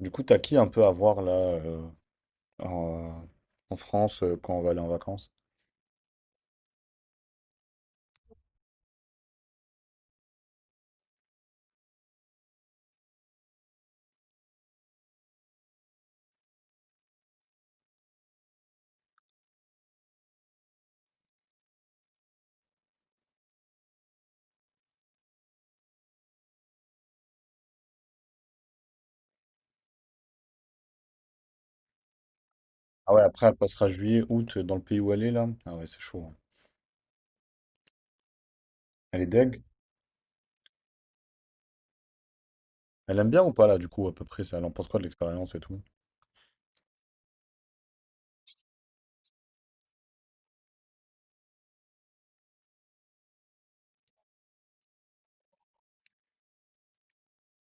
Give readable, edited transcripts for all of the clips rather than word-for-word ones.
Du coup, t'as qui un peu à voir là en, en France quand on va aller en vacances? Ah ouais, après elle passera juillet, août dans le pays où elle est là. Ah ouais, c'est chaud, hein. Elle est deg. Elle aime bien ou pas là du coup à peu près ça? Elle en pense quoi de l'expérience et tout?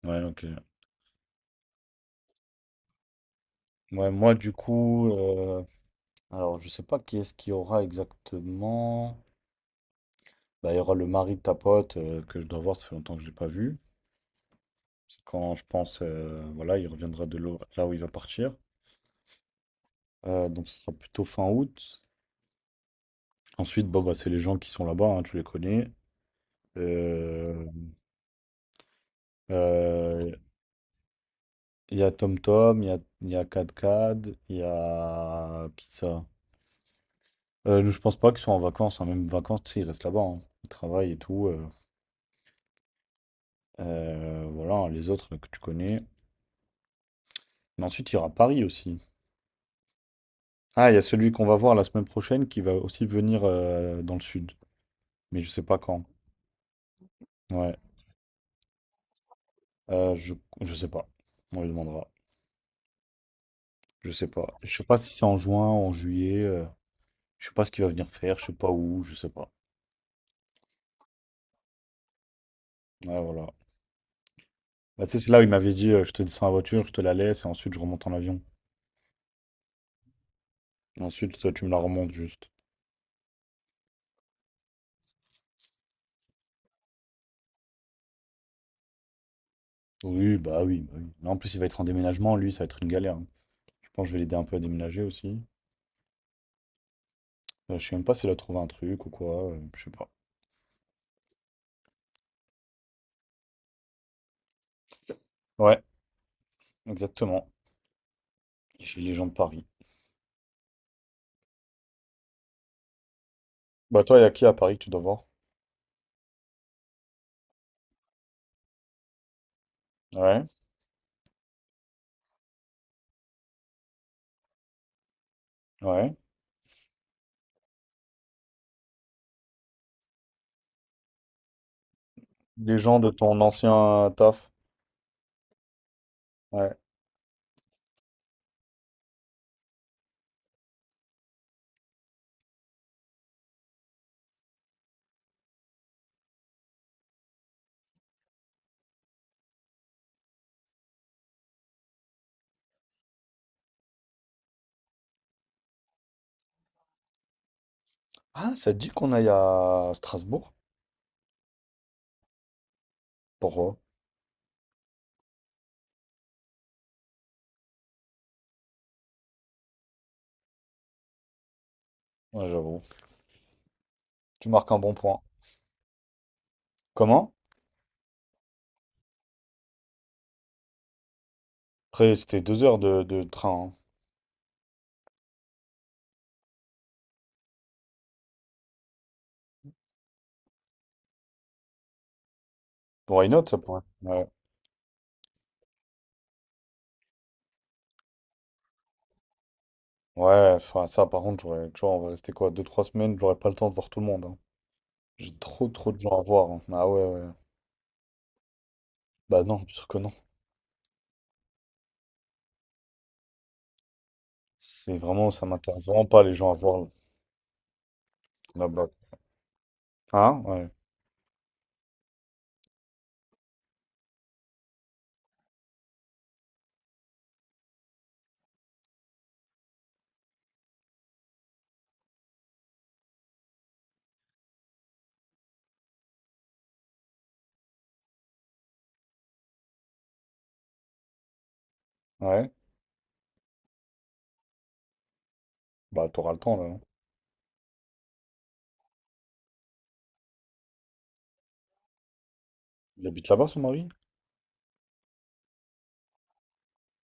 Ouais, ok. Ouais, moi du coup, alors je sais pas qui est-ce qu'il y aura exactement. Bah, il y aura le mari de ta pote que je dois voir, ça fait longtemps que je l'ai pas vu. C'est quand je pense, voilà, il reviendra de là où il va partir. Donc ce sera plutôt fin août. Ensuite, bon, bah, c'est les gens qui sont là-bas, hein, tu les connais. Euh, euh, Il y a TomTom, il y a KatKat, il y a... Qui ça? Je pense pas qu'ils soient en vacances, hein. Même vacances, tu sais, ils restent là-bas, hein. Ils travaillent et tout. Euh, voilà, hein, les autres que tu connais. Mais ensuite, il y aura Paris aussi. Ah, il y a celui qu'on va voir la semaine prochaine qui va aussi venir dans le sud. Mais je sais pas quand. Ouais. Euh, je, je sais pas. On lui demandera. Je sais pas. Je sais pas si c'est en juin, en juillet. Je sais pas ce qu'il va venir faire, je sais pas où, je sais pas. Ouais, voilà. Bah, tu sais, c'est là où il m'avait dit je te descends la voiture, je te la laisse et ensuite je remonte en avion. Et ensuite, toi, tu me la remontes juste. Oui, bah oui, bah oui. Là, en plus, il va être en déménagement, lui, ça va être une galère, hein. Je pense que je vais l'aider un peu à déménager aussi. Je sais même pas s'il a trouvé un truc ou quoi, je sais pas. Ouais, exactement. Chez les gens de Paris. Bah toi, il y a qui à Paris que tu dois voir? Ouais, ouais. Les gens de ton ancien taf. Ouais. Ah, ça te dit qu'on aille à Strasbourg? Pourquoi? Ouais, j'avoue. Tu marques un bon point. Comment? Après, c'était deux heures de train, hein. Why not, ça pourrait. Ouais, ouais, enfin, ça, par contre, j'aurais, tu vois, on va rester quoi, deux, trois semaines, j'aurais pas le temps de voir tout le monde, hein. J'ai trop, trop de gens à voir, hein. Ah ouais, ouais. Bah non, bien sûr que non. C'est vraiment, ça m'intéresse vraiment pas, les gens à voir là-bas. Hein? Ouais. Ouais. Bah, t'auras le temps, là, hein. Il habite là-bas, son mari?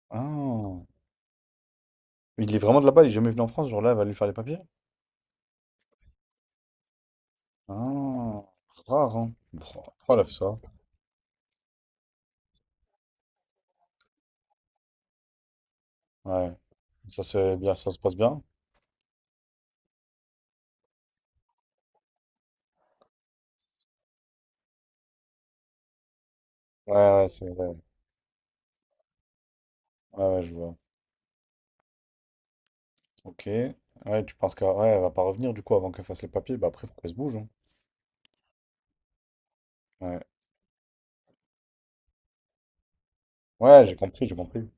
Ah. Il est vraiment de là-bas, il est jamais venu en France, genre là, elle va lui faire les papiers? Ah. Rare, hein. Pourquoi elle a fait ça? Ouais. Ça, c'est bien, ça se passe bien? Ouais, ouais, c'est vrai. Ouais, ouais, je vois. Ok. Ouais, tu penses qu'elle ouais, elle va pas revenir du coup avant qu'elle fasse les papiers? Bah après, faut qu'elle se bouge, hein. Ouais, ouais, j'ai compris, j'ai compris.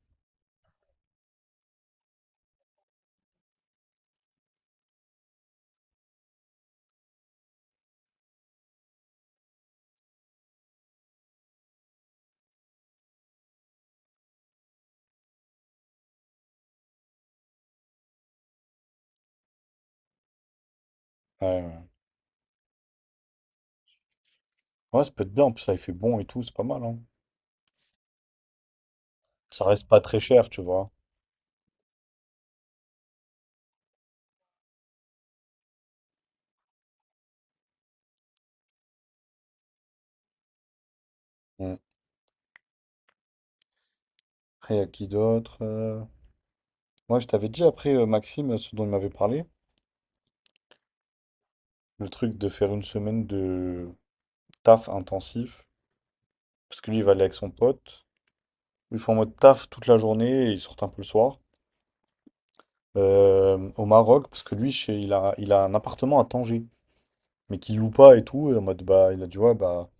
Ouais, ouais. Ouais, ça peut être bien. En plus, ça, il fait bon et tout, c'est pas mal, hein. Ça reste pas très cher, tu vois. Mm. Après, y a qui d'autre? Ouais, je t'avais dit après, Maxime, ce dont il m'avait parlé, le truc de faire une semaine de taf intensif. Parce que lui, il va aller avec son pote. Ils font en mode taf toute la journée et ils sortent un peu le soir. Au Maroc, parce que lui, il a un appartement à Tanger, mais qui loue pas et tout. Et en mode, bah, il a dit, ouais, bah,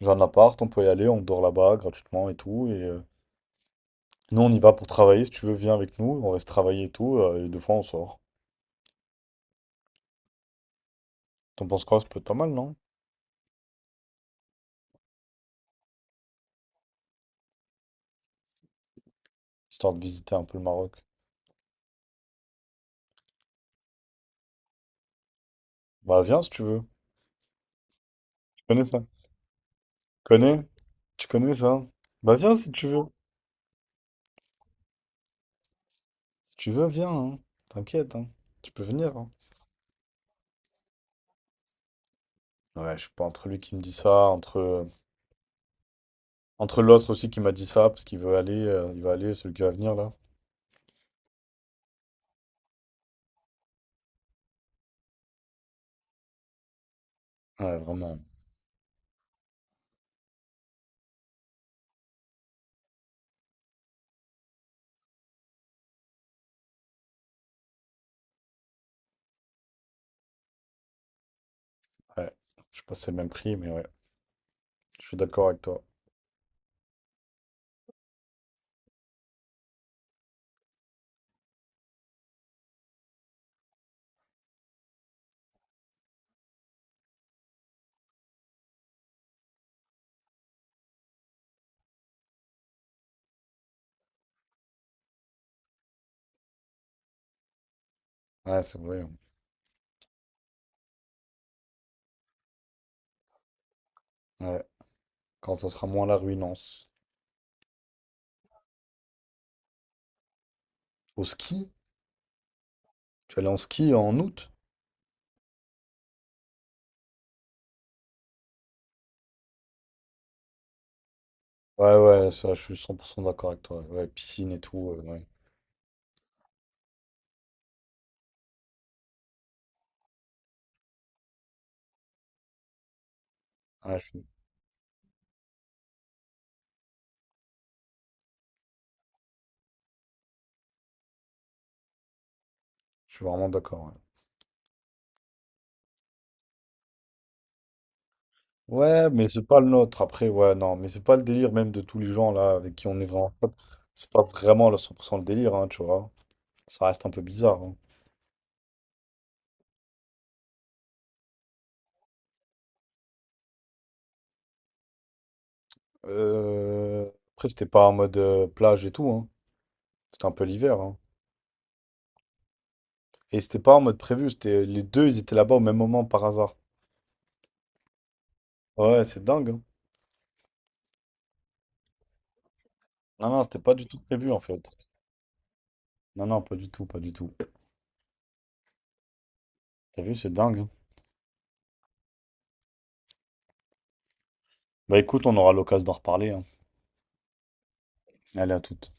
j'ai un appart, on peut y aller, on dort là-bas gratuitement et tout. Et nous, on y va pour travailler. Si tu veux, viens avec nous, on reste travailler et tout, et deux fois, on sort. T'en penses quoi? Ça peut être pas mal, non? Histoire de visiter un peu le Maroc. Bah, viens si tu veux. Tu connais ça? Connais? Tu connais ça? Bah, viens si tu veux. Si tu veux, viens, hein. T'inquiète, hein. Tu peux venir, hein. Ouais, je suis pas entre lui qui me dit ça, entre, entre l'autre aussi qui m'a dit ça, parce qu'il veut aller, il va aller, celui qui va venir là. Ouais, vraiment. Ouais, je sais pas si c'est le même prix, mais ouais, je suis d'accord avec toi. Ouais, c'est vrai, hein. Ouais, quand ça sera moins la ruinance. Au ski? Tu allais en ski en août? Ouais, ouais, ça, je suis 100% d'accord avec toi. Ouais, piscine et tout, ouais. Ouais, je suis, je suis vraiment d'accord. Ouais. Ouais, mais c'est pas le nôtre. Après, ouais, non, mais c'est pas le délire même de tous les gens là avec qui on est vraiment potes. C'est pas vraiment le 100% le délire, hein, tu vois. Ça reste un peu bizarre, hein. Euh, après, c'était pas en mode plage et tout, hein. C'était un peu l'hiver, hein. Et c'était pas en mode prévu, c'était les deux, ils étaient là-bas au même moment par hasard. Ouais, c'est dingue, hein. Non, non, c'était pas du tout prévu en fait. Non, non, pas du tout, pas du tout. T'as vu, c'est dingue, hein. Bah écoute, on aura l'occasion d'en reparler, hein. Allez, à toute.